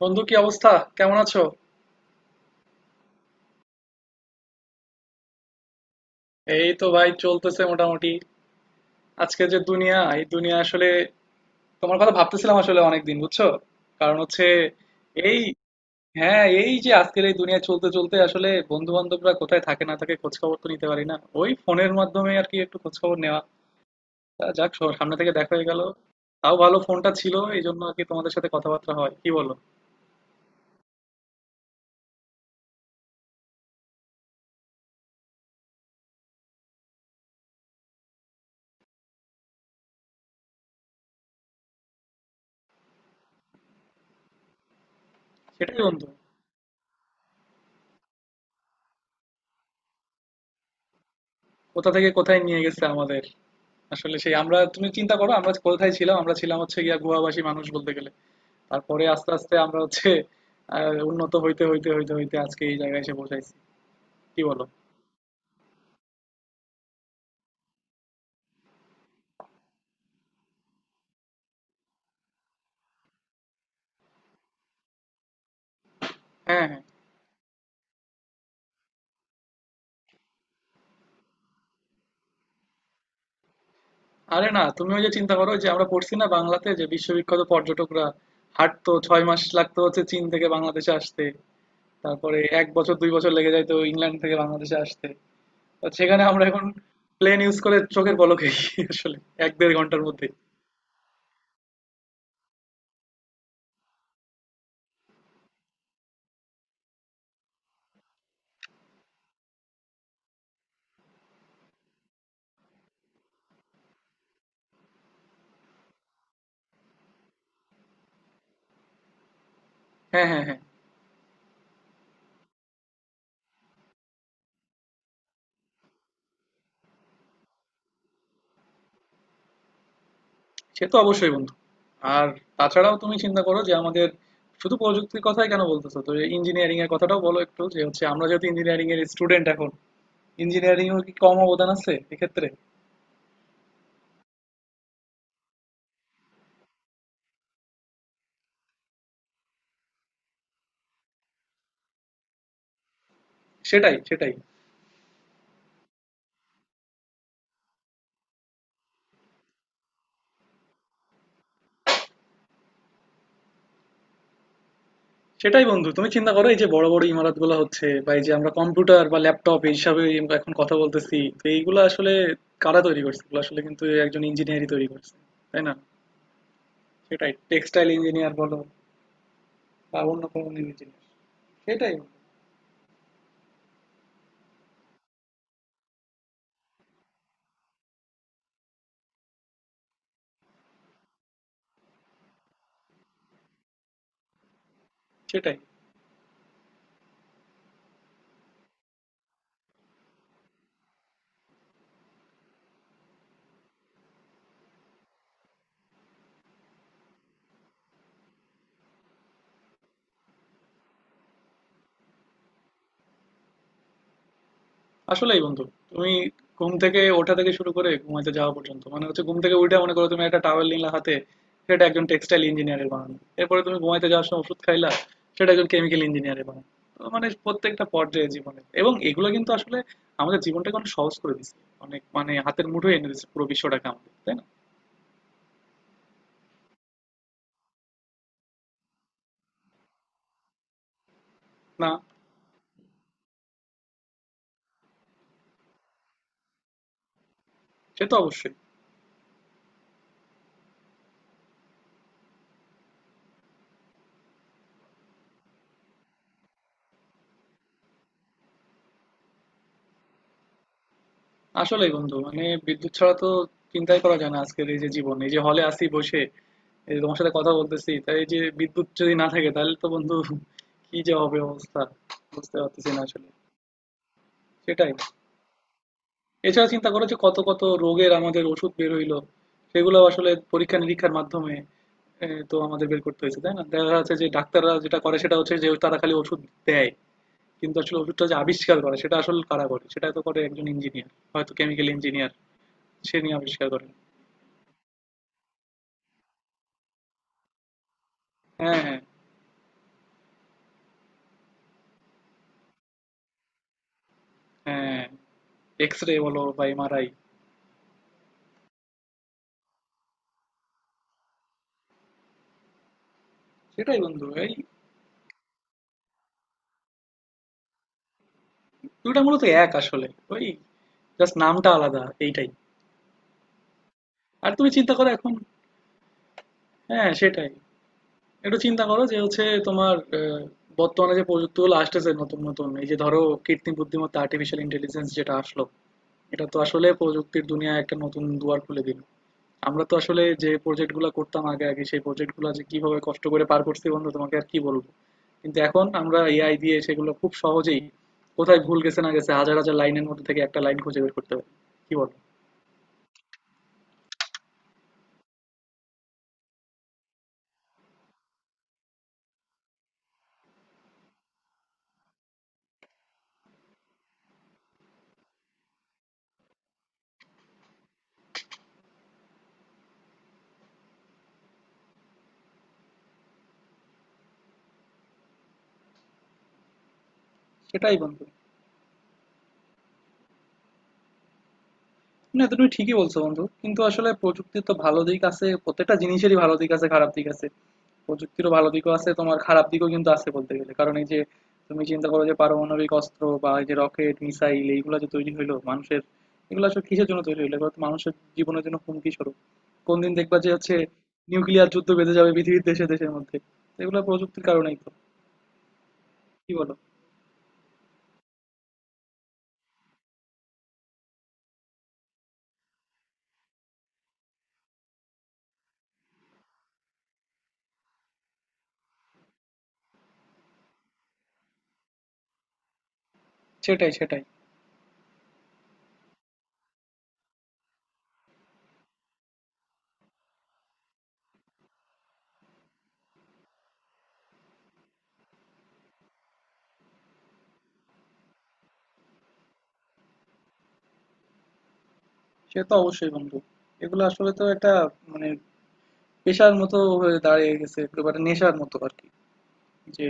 বন্ধু, কি অবস্থা? কেমন আছো? এই তো ভাই, চলতেছে মোটামুটি। আজকে যে দুনিয়া, এই দুনিয়া আসলে তোমার কথা ভাবতেছিলাম আসলে অনেকদিন, বুঝছো? কারণ হচ্ছে এই, হ্যাঁ এই যে আজকের এই দুনিয়া চলতে চলতে আসলে বন্ধু বান্ধবরা কোথায় থাকে না থাকে খোঁজ খবর তো নিতে পারি না, ওই ফোনের মাধ্যমে আর কি একটু খোঁজ খবর নেওয়া। তা যাক, সব সামনে থেকে দেখা হয়ে গেল। তাও ভালো ফোনটা ছিল, এই জন্য আর কি তোমাদের সাথে কথাবার্তা হয়, কি বলো? সেটাই বন্ধু। কোথা থেকে কোথায় নিয়ে গেছে আমাদের! আসলে সেই আমরা, তুমি চিন্তা করো আমরা কোথায় ছিলাম, আমরা ছিলাম হচ্ছে গিয়া গুহাবাসী মানুষ বলতে গেলে। তারপরে আস্তে আস্তে আমরা হচ্ছে উন্নত হইতে হইতে হইতে হইতে আজকে এই জায়গায় এসে পৌঁছাইছি। কি বলো? হ্যাঁ হ্যাঁ। আরে না, তুমি ওই যে চিন্তা করো যে আমরা পড়ছি না বাংলাতে যে বিশ্ববিখ্যাত পর্যটকরা হাঁটতো, 6 মাস লাগতো হচ্ছে চীন থেকে বাংলাদেশে আসতে। তারপরে 1 বছর 2 বছর লেগে যাইতো ইংল্যান্ড থেকে বাংলাদেশে আসতে। তো সেখানে আমরা এখন প্লেন ইউজ করে চোখের পলকেই আসলে 1-1.5 ঘন্টার মধ্যে। হ্যাঁ হ্যাঁ হ্যাঁ। সে তো অবশ্যই বন্ধু। আর তাছাড়াও তুমি চিন্তা করো যে আমাদের শুধু প্রযুক্তির কথাই কেন বলতেছো তো, ইঞ্জিনিয়ারিং এর কথাটাও বলো একটু। যে হচ্ছে আমরা যেহেতু ইঞ্জিনিয়ারিং এর স্টুডেন্ট, এখন ইঞ্জিনিয়ারিং এর কি কম অবদান আছে এক্ষেত্রে? সেটাই, সেটাই। সেটাই বন্ধু, তুমি চিন্তা করো এই যে বড় বড় ইমারত গুলো হচ্ছে, বা এই যে আমরা কম্পিউটার বা ল্যাপটপ এই হিসাবে এখন কথা বলতেছি, তো এইগুলো আসলে কারা তৈরি করছে? এগুলো আসলে কিন্তু একজন ইঞ্জিনিয়ারই তৈরি করছে, তাই না? সেটাই, টেক্সটাইল ইঞ্জিনিয়ার বলো বা অন্য কোনো ইঞ্জিনিয়ার। সেটাই, সেটাই। আসলেই বন্ধু, তুমি ঘুম থেকে ওঠা থেকে শুরু করে ঘুমাইতে যাওয়া পর্যন্ত, মানে হচ্ছে ঘুম থেকে উঠে মনে করো তুমি একটা টাওয়েল নিলা হাতে, সেটা একজন টেক্সটাইল ইঞ্জিনিয়ারের বানানো। এরপরে তুমি ঘুমাইতে যাওয়ার সময় ওষুধ খাইলা, সেটা একজন কেমিক্যাল ইঞ্জিনিয়ারের বানানো। তো মানে প্রত্যেকটা পর্যায়ে জীবনে, এবং এগুলো কিন্তু আসলে আমাদের জীবনটাকে অনেক সহজ করে দিচ্ছে। অনেক মানে হাতের মুঠোয় এনে দিচ্ছে পুরো বিশ্বটাকে আমাদের, তাই না? না, সে তো অবশ্যই। আসলে বন্ধু, মানে বিদ্যুৎ ছাড়া তো চিন্তাই করা যায় না। আজকের এই যে জীবন, এই যে হলে আসি বসে এই যে তোমার সাথে কথা বলতেছি, তাই এই যে বিদ্যুৎ যদি না থাকে তাহলে তো বন্ধু কি যে হবে অবস্থা বুঝতে পারতেছি না আসলে। সেটাই। এছাড়া চিন্তা করো যে কত কত রোগের আমাদের ওষুধ বের হইলো, সেগুলো আসলে পরীক্ষা নিরীক্ষার মাধ্যমে তো আমাদের বের করতে হয়েছে, তাই না? দেখা যাচ্ছে যে ডাক্তাররা যেটা করে সেটা হচ্ছে যে তারা খালি ওষুধ দেয়। কিন্তু আসলে ওষুধটা যে আবিষ্কার করে সেটা আসলে কারা করে? সেটা তো করে একজন ইঞ্জিনিয়ার, হয়তো কেমিক্যাল ইঞ্জিনিয়ার সে নিয়ে আবিষ্কার করে। হ্যাঁ, হ্যাঁ, হ্যাঁ। এক্স-রে বলো বা এমআরআই। সেটাই বন্ধু, এই দুটো মূলত এক আসলে, ওই জাস্ট নামটা আলাদা এইটাই। আর তুমি চিন্তা করো এখন। হ্যাঁ সেটাই। একটু চিন্তা করো যে হচ্ছে তোমার বর্তমানে যে প্রযুক্তিগুলো আসতেছে নতুন নতুন, এই যে ধরো কৃত্রিম বুদ্ধিমত্তা, আর্টিফিশিয়াল ইন্টেলিজেন্স যেটা আসলো, এটা তো আসলে প্রযুক্তির দুনিয়ায় একটা নতুন দুয়ার খুলে দিল। আমরা তো আসলে যে প্রজেক্ট গুলা করতাম আগে আগে, সেই প্রজেক্ট গুলা যে কিভাবে কষ্ট করে পার করছি বন্ধু, তোমাকে আর কি বলবো। কিন্তু এখন আমরা এআই দিয়ে সেগুলো খুব সহজেই, কোথায় ভুল গেছে না গেছে হাজার হাজার লাইনের মধ্যে থেকে একটা লাইন খুঁজে বের করতে পারি। কি বলো? সেটাই বন্ধু। না তো, তুমি ঠিকই বলছো বন্ধু। কিন্তু আসলে প্রযুক্তির তো ভালো দিক আছে, প্রত্যেকটা জিনিসেরই ভালো দিক আছে খারাপ দিক আছে। প্রযুক্তিরও ভালো দিকও আছে, তোমার খারাপ দিকও কিন্তু আছে বলতে গেলে। কারণ এই যে তুমি চিন্তা করো, যে পারমাণবিক অস্ত্র, বা এই যে রকেট মিসাইল, এইগুলো যে তৈরি হইলো মানুষের, এগুলো আসলে কিসের জন্য তৈরি হইলো? এগুলো তো মানুষের জীবনের জন্য হুমকি স্বরূপ। কোন দিন দেখবা যে হচ্ছে নিউক্লিয়ার যুদ্ধ বেঁধে যাবে পৃথিবীর দেশে দেশের মধ্যে। এগুলো প্রযুক্তির কারণেই তো। কি বলো? সেটাই, সেটাই। সে তো অবশ্যই বন্ধু। এগুলো আসলে তো একটা মানে পেশার মতো হয়ে দাঁড়িয়ে গেছে, এগুলো একটা নেশার মতো আর কি। যে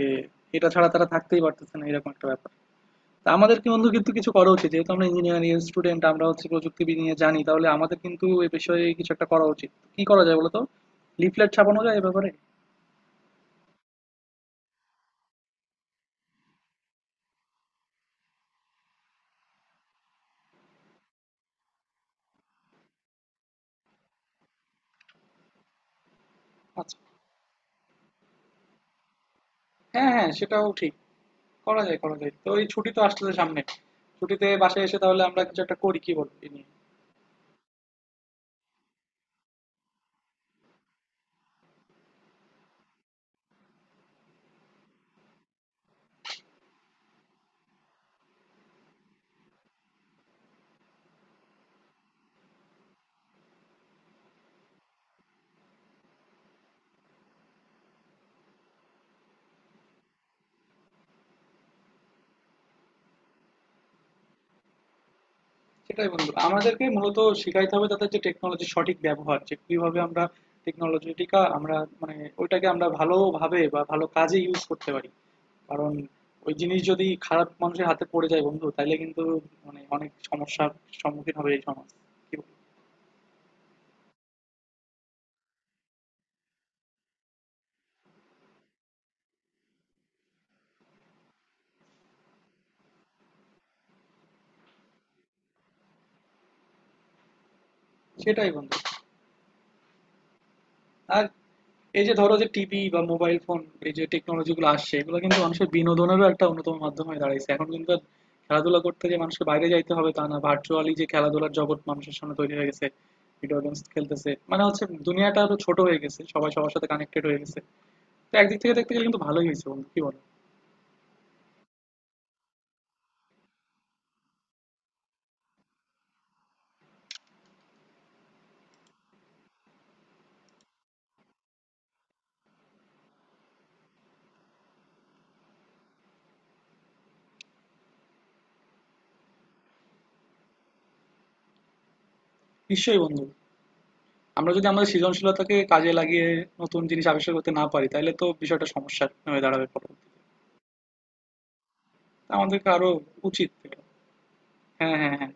এটা ছাড়া তারা থাকতেই পারতেছে না, এরকম একটা ব্যাপার। তা আমাদের কিন্তু কিন্তু কিছু করা উচিত, যেহেতু আমরা ইঞ্জিনিয়ারিং স্টুডেন্ট, আমরা হচ্ছে প্রযুক্তিবিদ নিয়ে জানি, তাহলে আমাদের কিন্তু এই বিষয়ে কিছু একটা করা উচিত। কি করা যায় বলতো? লিফলেট ছাপানো যায় এ ব্যাপারে। আচ্ছা, হ্যাঁ হ্যাঁ সেটাও ঠিক। করা যায়, করা যায়। তো এই ছুটি তো আসতেছে সামনে, ছুটিতে বাসায় এসে তাহলে আমরা কিছু একটা করি, কি বলবো এ নিয়ে? সেটাই বন্ধু। আমাদেরকে মূলত শিখাইতে হবে তাদের যে টেকনোলজির সঠিক ব্যবহার, যে কিভাবে আমরা টেকনোলজিটিকা আমরা মানে ওইটাকে আমরা ভালোভাবে বা ভালো কাজে ইউজ করতে পারি। কারণ ওই জিনিস যদি খারাপ মানুষের হাতে পড়ে যায় বন্ধু, তাহলে কিন্তু মানে অনেক সমস্যার সম্মুখীন হবে এই সমাজ। কি বলো? সেটাই বন্ধু। আর এই যে ধরো যে টিভি বা মোবাইল ফোন, এই যে টেকনোলজি গুলো আসছে এগুলো কিন্তু মানুষের বিনোদনেরও একটা অন্যতম মাধ্যম হয়ে দাঁড়িয়েছে এখন কিন্তু। আর খেলাধুলা করতে যে মানুষকে বাইরে যাইতে হবে তা না, ভার্চুয়ালি যে খেলাধুলার জগৎ মানুষের সামনে তৈরি হয়ে গেছে, ভিডিও গেমস খেলতেছে, মানে হচ্ছে দুনিয়াটা আরো ছোট হয়ে গেছে, সবাই সবার সাথে কানেক্টেড হয়ে গেছে। তো একদিক থেকে দেখতে গেলে কিন্তু ভালোই হয়েছে বন্ধু, কি বলো? নিশ্চয়ই বন্ধু। আমরা যদি আমাদের সৃজনশীলতাকে কাজে লাগিয়ে নতুন জিনিস আবিষ্কার করতে না পারি, তাহলে তো বিষয়টা সমস্যা হয়ে দাঁড়াবে পরবর্তীতে। আমাদেরকে আরো উচিত এটা। হ্যাঁ হ্যাঁ হ্যাঁ।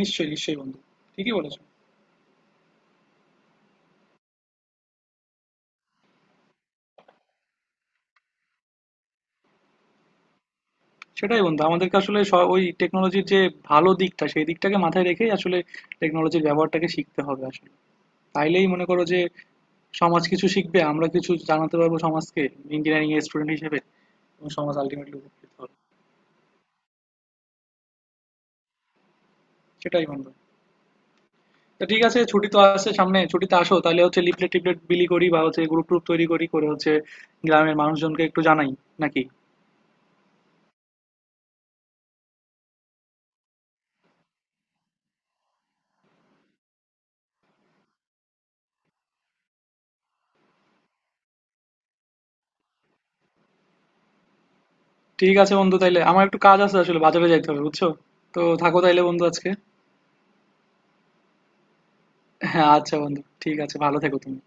নিশ্চয়ই নিশ্চয়ই বন্ধু। ঠিকই বলেছো। সেটাই বন্ধু, আমাদেরকে আসলে ওই টেকনোলজির যে ভালো দিকটা, সেই দিকটাকে মাথায় রেখেই আসলে টেকনোলজির ব্যবহারটাকে শিখতে হবে আসলে। তাইলেই মনে করো যে সমাজ কিছু শিখবে, আমরা কিছু জানাতে পারবো সমাজকে ইঞ্জিনিয়ারিং এর স্টুডেন্ট হিসেবে, এবং সমাজ আলটিমেটলি উপকৃত হবে। সেটাই বন্ধু। তো ঠিক আছে, ছুটি তো আছে সামনে, ছুটিতে আসো তাহলে হচ্ছে লিফলেট টিফলেট বিলি করি, বা হচ্ছে গ্রুপ ট্রুপ তৈরি করি করে হচ্ছে গ্রামের মানুষজনকে একটু জানাই, নাকি? ঠিক আছে বন্ধু, তাইলে আমার একটু কাজ আছে আসলে, বাজারে যাইতে হবে, বুঝছো? তো থাকো তাইলে বন্ধু আজকে। হ্যাঁ আচ্ছা বন্ধু, ঠিক আছে, ভালো থেকো তুমি।